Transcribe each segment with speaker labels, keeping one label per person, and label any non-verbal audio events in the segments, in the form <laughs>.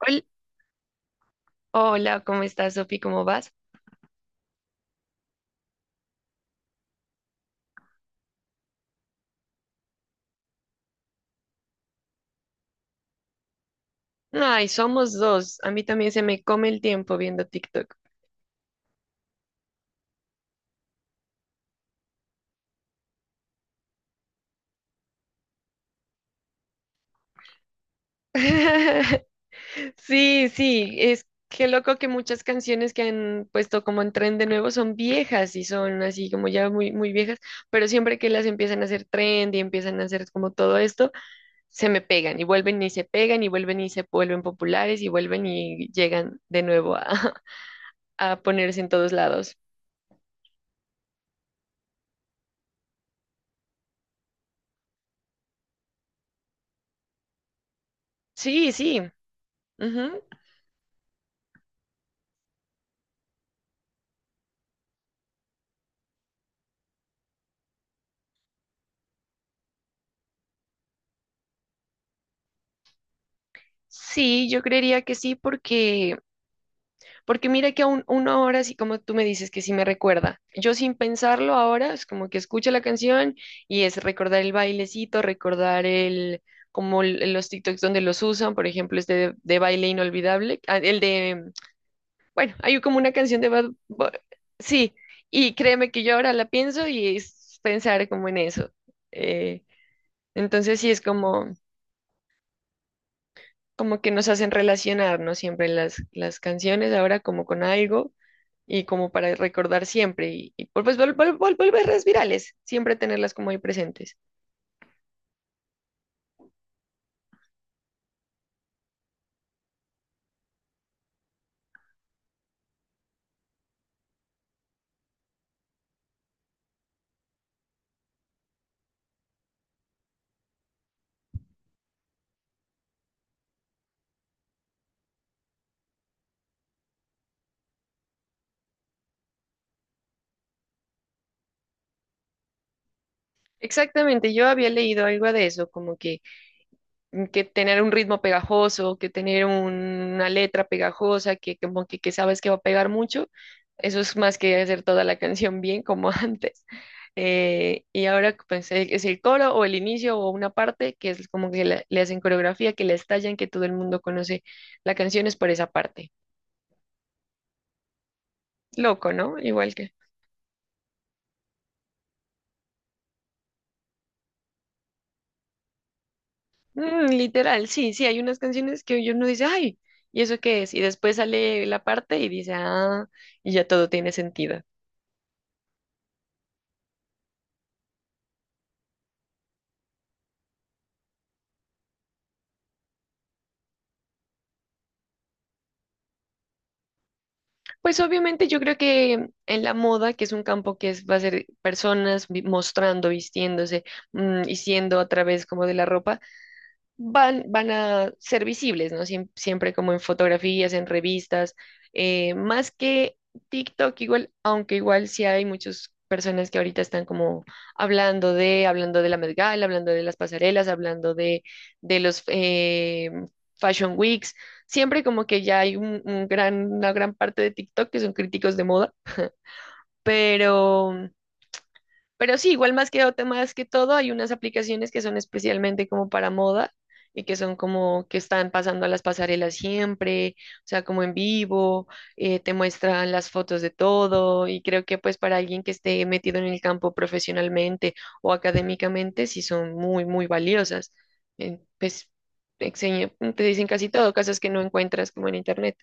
Speaker 1: Hol- Hola, ¿cómo estás, Sofi? ¿Cómo vas? Ay, somos dos. A mí también se me come el tiempo viendo TikTok. <laughs> Sí, sí, es que loco que muchas canciones que han puesto como en tren de nuevo son viejas y son así como ya muy, muy viejas, pero siempre que las empiezan a hacer trend y empiezan a hacer como todo esto, se me pegan y vuelven y se pegan y vuelven y se vuelven populares y vuelven y llegan de nuevo a, <laughs> a ponerse en todos lados. Sí, sí. Sí, yo creería que sí, porque, porque mira que aún uno ahora, así como tú me dices que sí me recuerda, yo sin pensarlo ahora, es como que escucho la canción y es recordar el bailecito, recordar el, como los TikToks donde los usan, por ejemplo, este de baile inolvidable, ah, el de, bueno, hay como una canción de sí, y créeme que yo ahora la pienso y es pensar como en eso. eh, entonces sí es como... como que nos hacen relacionarnos siempre las canciones ahora como con algo y como para recordar siempre y pues volverlas virales, siempre tenerlas como ahí presentes. Exactamente, yo había leído algo de eso, como que que tener un ritmo pegajoso, que tener una letra pegajosa, que como que sabes que va a pegar mucho, eso es más que hacer toda la canción bien como <laughs> antes. Y ahora pues, es el coro o el inicio o una parte que es como que le hacen coreografía, que la estallan, que todo el mundo conoce la canción es por esa parte. Loco, ¿no? Igual que... Mm, literal, sí, sí, hay unas canciones que uno dice, ay, ¿y eso qué es? Y después sale la parte y dice, ah, y ya todo tiene sentido. Pues obviamente yo creo que en la moda, que es un campo que va a ser personas mostrando, vistiéndose y siendo a través como de la ropa, van a ser visibles, ¿no? Siempre como en fotografías, en revistas, más que TikTok igual, aunque igual sí hay muchas personas que ahorita están como hablando de la Met Gala, hablando de las pasarelas, hablando de los Fashion Weeks, siempre como que ya hay un gran, una gran parte de TikTok que son críticos de moda, pero... Pero sí, igual más que, más que todo, hay unas aplicaciones que son especialmente como para moda y que son como que están pasando a las pasarelas siempre, o sea, como en vivo, te muestran las fotos de todo y creo que pues para alguien que esté metido en el campo profesionalmente o académicamente, sí son muy, muy valiosas. Pues te dicen casi todo, cosas que no encuentras como en internet.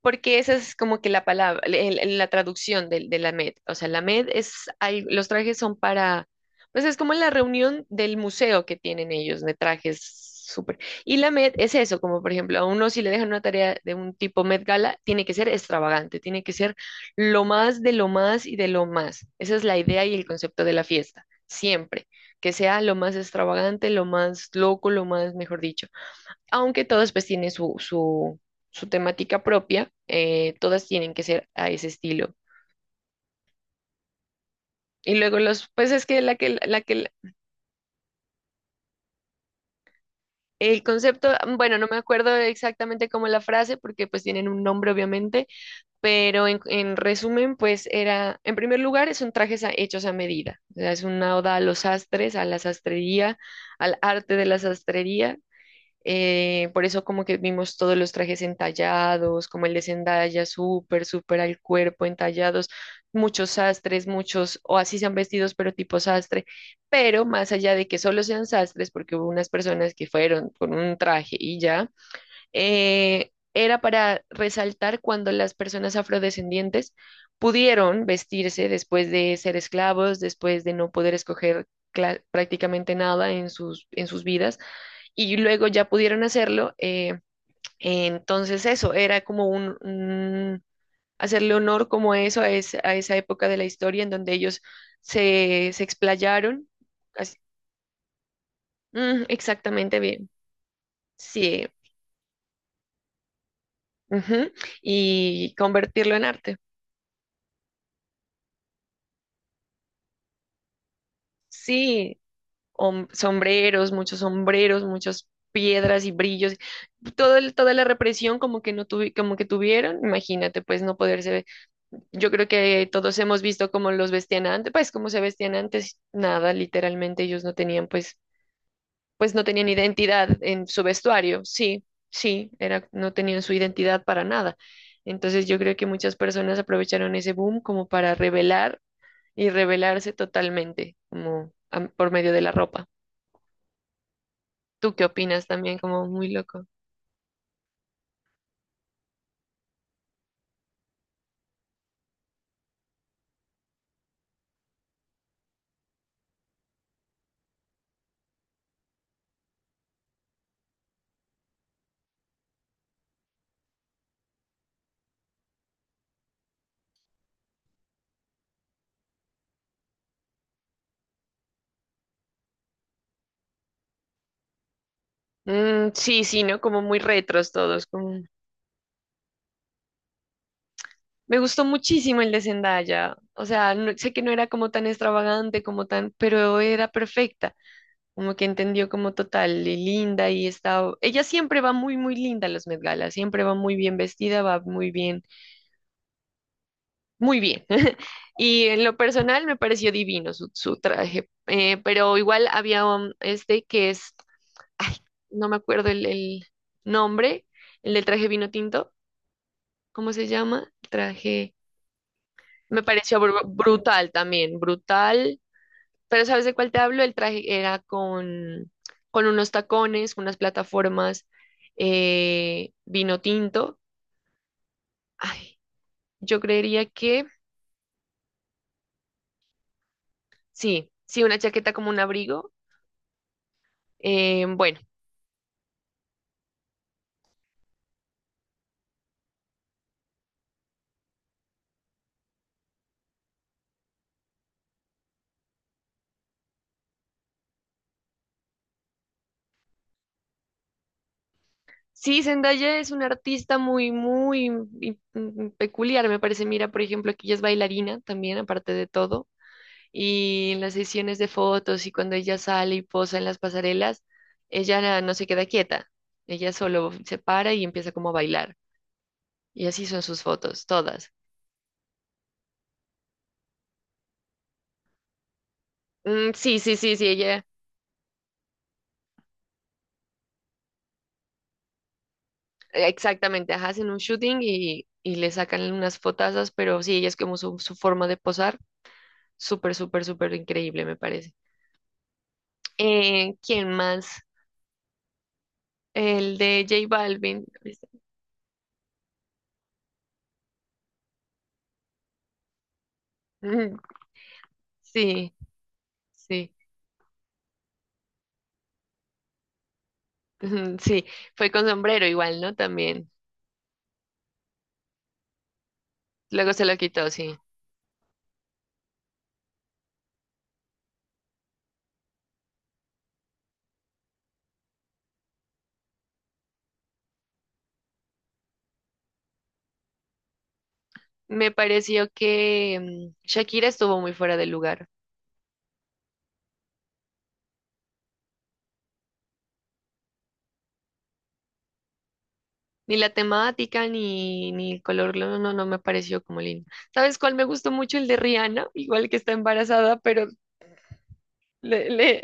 Speaker 1: Porque esa es como que la palabra, la traducción de, la MED. O sea, la MED es, los trajes son para, pues es como la reunión del museo que tienen ellos de trajes súper. Y la MED es eso, como por ejemplo, a uno si le dejan una tarea de un tipo MED Gala, tiene que ser extravagante, tiene que ser lo más de lo más y de lo más. Esa es la idea y el concepto de la fiesta, siempre. Que sea lo más extravagante, lo más loco, lo más, mejor dicho aunque todas pues tienen su, su, su temática propia, todas tienen que ser a ese estilo. Y luego los, pues es que la que, el concepto, bueno, no me acuerdo exactamente cómo la frase, porque pues tienen un nombre obviamente, pero en resumen, pues era, en primer lugar, son trajes hechos a medida, o sea, es una oda a los sastres, a la sastrería, al arte de la sastrería. Por eso como que vimos todos los trajes entallados, como el de Zendaya, súper, súper al cuerpo, entallados, muchos sastres, muchos, o así sean vestidos, pero tipo sastre, pero más allá de que solo sean sastres, porque hubo unas personas que fueron con un traje y ya, era para resaltar cuando las personas afrodescendientes pudieron vestirse después de ser esclavos, después de no poder escoger prácticamente nada en sus, en sus vidas y luego ya pudieron hacerlo. Entonces eso era como un, hacerle honor como a eso, a, a esa época de la historia en donde ellos se, se explayaron. así- Mm, exactamente bien. Sí. Ujú, y convertirlo en arte. Sí. Sombreros, muchos sombreros, muchas piedras y brillos, todo toda la represión como que no como que tuvieron, imagínate, pues no poderse, yo creo que todos hemos visto cómo los vestían antes, pues cómo se vestían antes, nada, literalmente ellos no tenían pues, pues no tenían identidad en su vestuario, sí, sí, era, no tenían su identidad para nada. Entonces yo creo que muchas personas aprovecharon ese boom como para revelar y revelarse totalmente, como por medio de la ropa. ¿Tú qué opinas también? Como muy loco. Mm, sí, sí, ¿no? Como muy retros todos. Como... Me gustó muchísimo el de Zendaya. O sea, sé que no era como tan extravagante, como tan, pero era perfecta. Como que entendió como total, y linda y está. Ella siempre va muy, muy linda a los Met Gala. Siempre va muy bien vestida, va muy bien, muy bien. <laughs> Y en lo personal me pareció divino su, su traje. Pero igual había este que es ay, no me acuerdo el nombre, el del traje vino tinto, ¿cómo se llama? El traje, me pareció brutal también, brutal, pero ¿sabes de cuál te hablo? El traje era con unos tacones, unas plataformas, vino tinto, ay, yo creería que sí, sí, una chaqueta como un abrigo, bueno. Sí, Zendaya es una artista muy, muy peculiar, me parece. Mira, por ejemplo, aquí ella es bailarina también, aparte de todo. Y en las sesiones de fotos y cuando ella sale y posa en las pasarelas, ella no se queda quieta, ella solo se para y empieza como a bailar. Y así son sus fotos, todas. Mm, sí, sí, sí, sí, ella, exactamente, ajá, hacen un shooting y le sacan unas fotazas, pero sí, ella es como su forma de posar, súper, súper, súper increíble, me parece. ¿Quién más? El de J Balvin. Mm, <laughs> sí, sí, ujú, sí, fue con sombrero igual, ¿no? También. Luego se lo quitó, sí. Me pareció que Shakira estuvo muy fuera del lugar. Ni la temática, ni, ni el color, no, no, no me pareció como lindo. ¿Sabes cuál me gustó mucho? El de Rihanna, igual que está embarazada, pero le, le-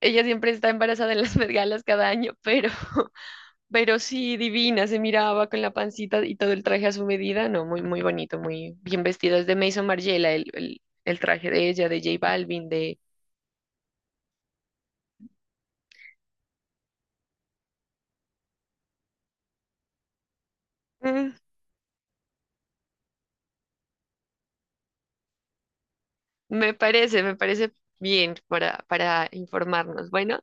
Speaker 1: ella siempre está embarazada en las <laughs> vergalas cada año, pero, <laughs> pero sí, divina, se miraba con la pancita y todo el traje a su medida, no, muy, muy bonito, muy bien vestido. Es de Maison Margiela, el traje de ella, de J Balvin, de... mm, me parece, me parece bien para informarnos. Bueno,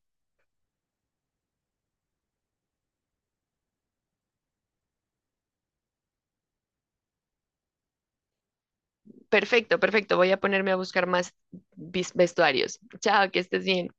Speaker 1: perfecto, perfecto. Voy a ponerme a buscar más vestuarios. Chao, que estés bien.